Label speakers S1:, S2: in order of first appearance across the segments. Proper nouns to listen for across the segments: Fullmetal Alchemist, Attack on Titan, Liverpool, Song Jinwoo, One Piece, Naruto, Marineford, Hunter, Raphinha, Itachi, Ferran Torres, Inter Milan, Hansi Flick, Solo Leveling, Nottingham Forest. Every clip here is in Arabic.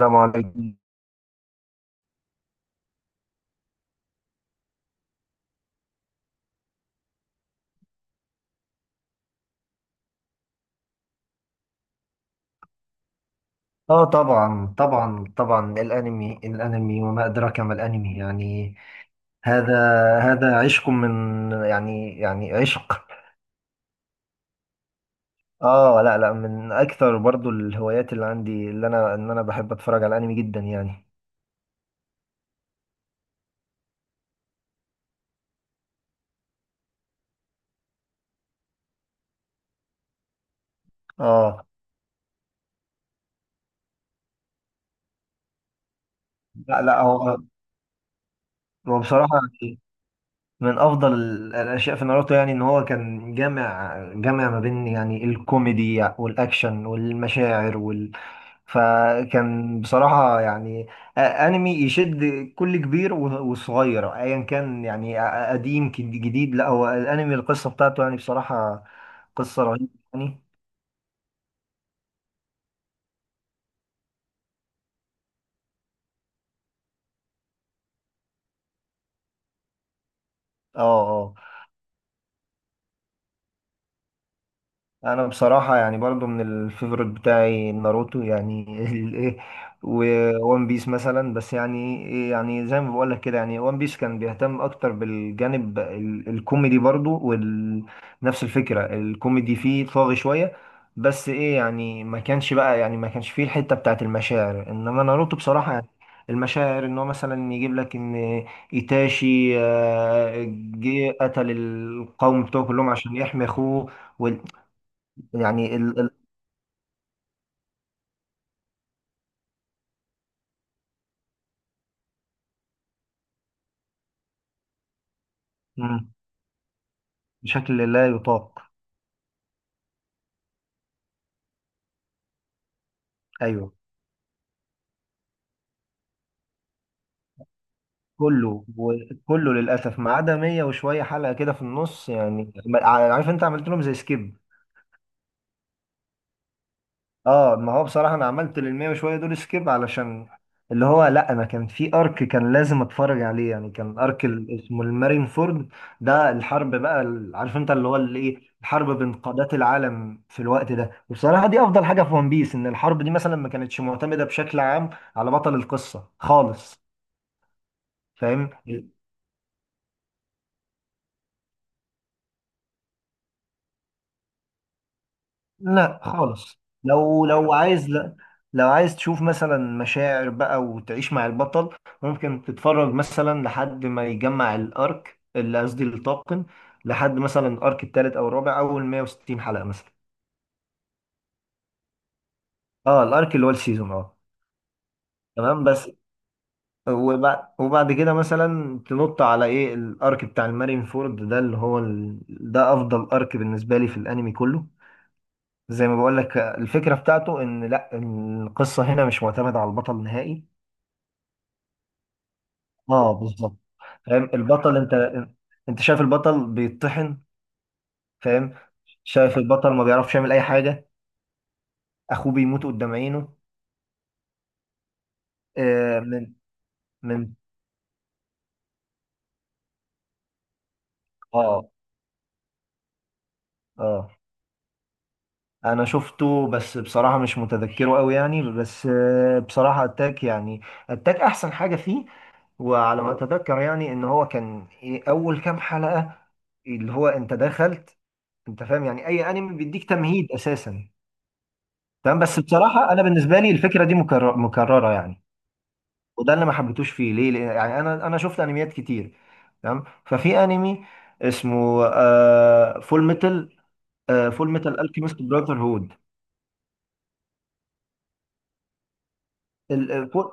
S1: السلام عليكم. اه، طبعا طبعا طبعا. الانمي الانمي وما ادراك ما الانمي، يعني هذا هذا عشق، من يعني عشق. اه، لا لا، من اكثر برضو الهوايات اللي عندي، اللي انا انا بحب اتفرج على الانمي جدا يعني. اه لا لا، هو بصراحة يعني من افضل الاشياء في ناروتو، يعني ان هو كان جامع جامع ما بين يعني الكوميدي والاكشن والمشاعر. فكان بصراحة يعني أنمي يشد كل كبير وصغير أيا كان، يعني قديم جديد. لا، هو الأنمي القصة بتاعته يعني بصراحة قصة رهيبة يعني. اه اه، انا بصراحه يعني برضو من الفيفوريت بتاعي ناروتو يعني الايه، وون بيس مثلا. بس يعني إيه، يعني زي ما بقول لك كده، يعني وان بيس كان بيهتم اكتر بالجانب الكوميدي، برضو ونفس الفكره الكوميدي فيه طاغي شويه. بس ايه يعني، ما كانش بقى يعني ما كانش فيه الحته بتاعت المشاعر، انما ناروتو بصراحه يعني المشاعر، ان هو مثلا يجيب لك ان ايتاشي جه قتل القوم بتوعه كلهم عشان يحمي اخوه. يعني مم. بشكل لا يطاق. ايوه، كله وكله للاسف ما عدا 100 وشويه حلقه كده في النص، يعني عارف انت عملت لهم زي سكيب. اه، ما هو بصراحه انا عملت لل 100 وشويه دول سكيب، علشان اللي هو لا، انا كان في ارك كان لازم اتفرج عليه، يعني كان ارك اسمه المارين فورد. ده الحرب بقى عارف انت، اللي هو اللي ايه، الحرب بين قادات العالم في الوقت ده. وبصراحه دي افضل حاجه في ون بيس، ان الحرب دي مثلا ما كانتش معتمده بشكل عام على بطل القصة خالص. فاهم. لا خالص، لو عايز، لا لو عايز تشوف مثلا مشاعر بقى وتعيش مع البطل، ممكن تتفرج مثلا لحد ما يجمع الارك، اللي قصدي الطاقم، لحد مثلا الارك الثالث او الرابع، اول 160 حلقة مثلا. اه الارك اللي هو السيزون، اه تمام بس. وبعد كده مثلا تنط على ايه الارك بتاع المارين فورد ده، اللي هو ده افضل ارك بالنسبة لي في الانمي كله. زي ما بقول لك الفكره بتاعته، ان لا، القصه هنا مش معتمده على البطل نهائي. اه بالظبط. فاهم البطل، انت شايف البطل بيتطحن. فاهم. شايف البطل ما بيعرفش يعمل اي حاجه. اخوه بيموت قدام عينه. آه من من اه اه، انا شفته بس بصراحه مش متذكره قوي يعني. بس آه بصراحه اتاك يعني، اتاك احسن حاجه فيه. وعلى ما اتذكر يعني ان هو كان ايه اول كام حلقه، اللي هو انت دخلت. انت فاهم يعني اي انمي بيديك تمهيد اساسا. تمام، بس بصراحه انا بالنسبه لي الفكره دي مكرره يعني، وده اللي ما حبيتوش فيه، ليه يعني انا شفت انميات كتير. تمام، ففي انمي اسمه آه فول ميتال، آه فول ميتال الكيميست براذر، هود.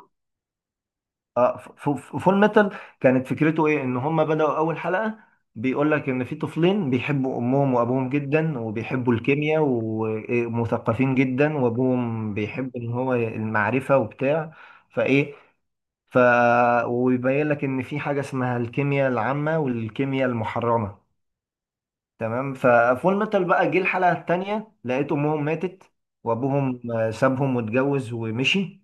S1: اه فول ميتال كانت فكرته ايه، ان هم بدأوا اول حلقة بيقول لك ان في طفلين بيحبوا امهم وابوهم جدا، وبيحبوا الكيمياء، ومثقفين جدا، وابوهم بيحب ان هو المعرفة وبتاع. فايه، ف ويبين لك ان في حاجة اسمها الكيمياء العامة والكيمياء المحرمة. تمام، ففول ميتال بقى جه الحلقة التانية لقيت امهم ماتت. وابوهم سابهم واتجوز ومشي.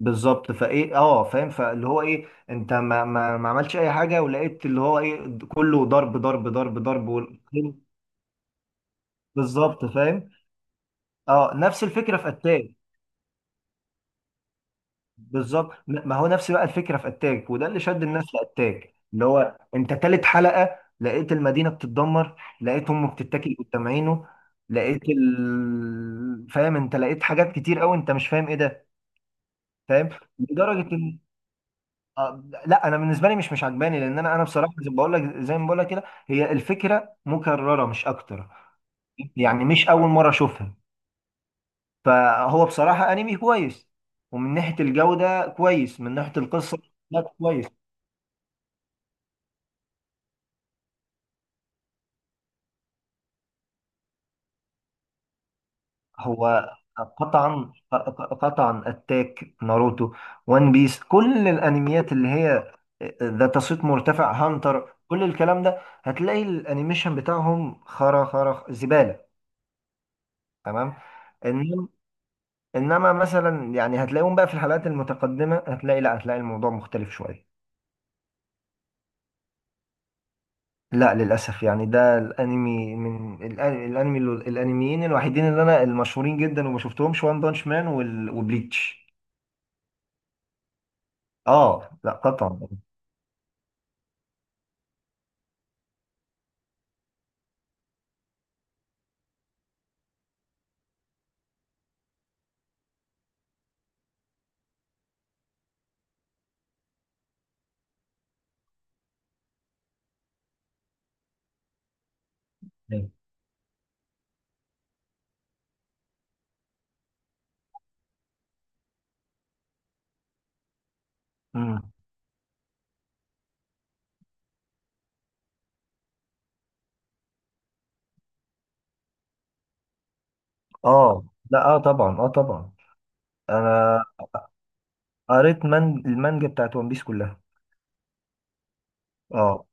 S1: بالظبط، فايه اه، فاهم فاللي هو ايه انت ما عملش اي حاجه، ولقيت اللي هو ايه كله ضرب ضرب ضرب ضرب بالظبط فاهم. اه نفس الفكره في اتاك. بالظبط. ما هو نفس بقى الفكره في اتاك، وده اللي شد الناس لاتاك، اللي هو انت تالت حلقه لقيت المدينه بتتدمر، لقيت امه بتتاكل قدام عينه، لقيت فاهم انت، لقيت حاجات كتير قوي انت مش فاهم ايه ده. فاهم لدرجه. لا انا بالنسبه لي مش عجباني، لان انا بصراحه زي ما بقول لك كده، هي الفكره مكرره مش اكتر، يعني مش اول مره اشوفها. فهو بصراحه انمي كويس، ومن ناحيه الجوده كويس، من ناحيه القصه لا كويس. هو قطعا قطعا اتاك ناروتو وان بيس، كل الانميات اللي هي ذات صيت مرتفع، هانتر، كل الكلام ده، هتلاقي الانيميشن بتاعهم خرا خرا زباله. تمام. انما انما مثلا يعني هتلاقيهم بقى في الحلقات المتقدمه، هتلاقي لا هتلاقي الموضوع مختلف شويه. لا للاسف، يعني ده الانمي من الانميين الوحيدين اللي انا المشهورين جدا وما شفتهمش، وان بانش مان وبليتش. اه لا قطعا. مم. اه، لا اه طبعا، اه طبعا. انا قريت من المانجا بتاعت ون بيس كلها. اه.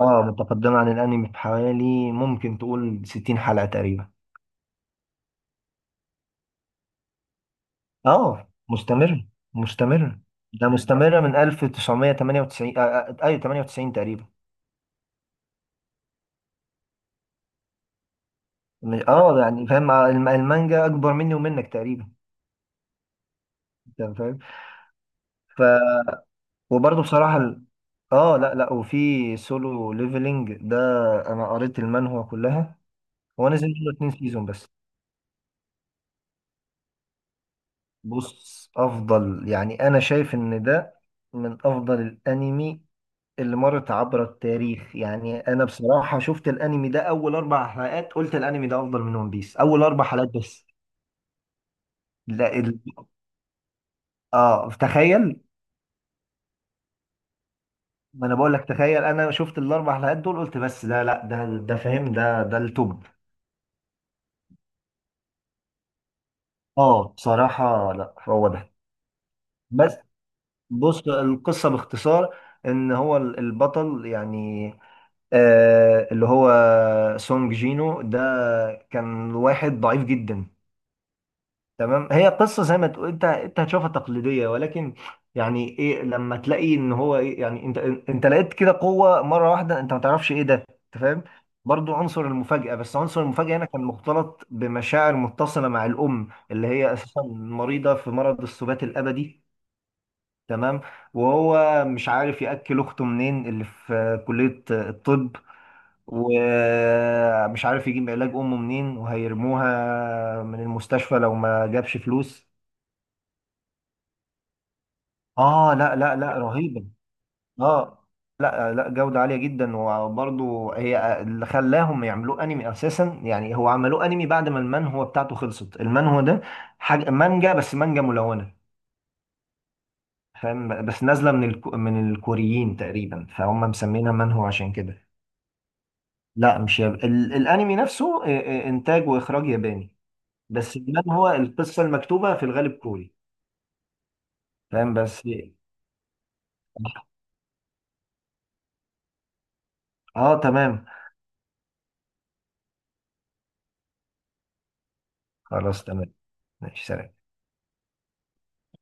S1: اه متقدمه عن الانمي بحوالي ممكن تقول 60 حلقه تقريبا. اه، مستمر مستمر. ده مستمرة من 1998، ايوه 98 تقريبا. اه يعني فاهم المانجا اكبر مني ومنك تقريبا، انت فاهم. ف وبرضه بصراحة اه لا لا، وفي سولو ليفلينج ده، انا قريت المانهوا كلها. هو نزل منه اتنين سيزون بس. بص افضل يعني، انا شايف ان ده من افضل الانمي اللي مرت عبر التاريخ. يعني انا بصراحة شفت الانمي ده اول اربع حلقات قلت الانمي ده افضل من ون بيس، اول اربع حلقات بس. لا اه تخيل. ما انا بقول لك تخيل، انا شفت الاربع حلقات دول قلت، بس لا لا، ده فاهم ده التوب. اه بصراحة، لا هو ده. بس بص القصة باختصار، ان هو البطل يعني آه اللي هو سونج جينو ده كان واحد ضعيف جدا. تمام، هي قصه زي ما تقول انت، انت هتشوفها تقليديه، ولكن يعني ايه لما تلاقي ان هو ايه، يعني انت لقيت كده قوه مره واحده انت ما تعرفش ايه ده، انت فاهم. برضو عنصر المفاجاه، بس عنصر المفاجاه هنا كان مختلط بمشاعر متصله مع الام، اللي هي اساسا مريضه في مرض السبات الابدي. تمام. وهو مش عارف ياكل اخته منين، اللي في كليه الطب، ومش عارف يجيب علاج امه منين، وهيرموها من المستشفى لو ما جابش فلوس. اه لا لا لا، رهيبة. اه لا لا، جودة عالية جدا. وبرضو هي اللي خلاهم يعملوه انمي اساسا. يعني هو عملوه انمي بعد ما المانهوا بتاعته خلصت. المانهوا ده حاجة مانجا بس مانجا ملونة. فاهم، بس نازلة من من الكوريين تقريبا، فهم مسمينها مانهوا عشان كده. لا مش الانمي نفسه انتاج واخراج ياباني. بس المانهوا، القصة المكتوبة في الغالب كوري. فاهم بس. اه تمام. خلاص تمام. ماشي سلام.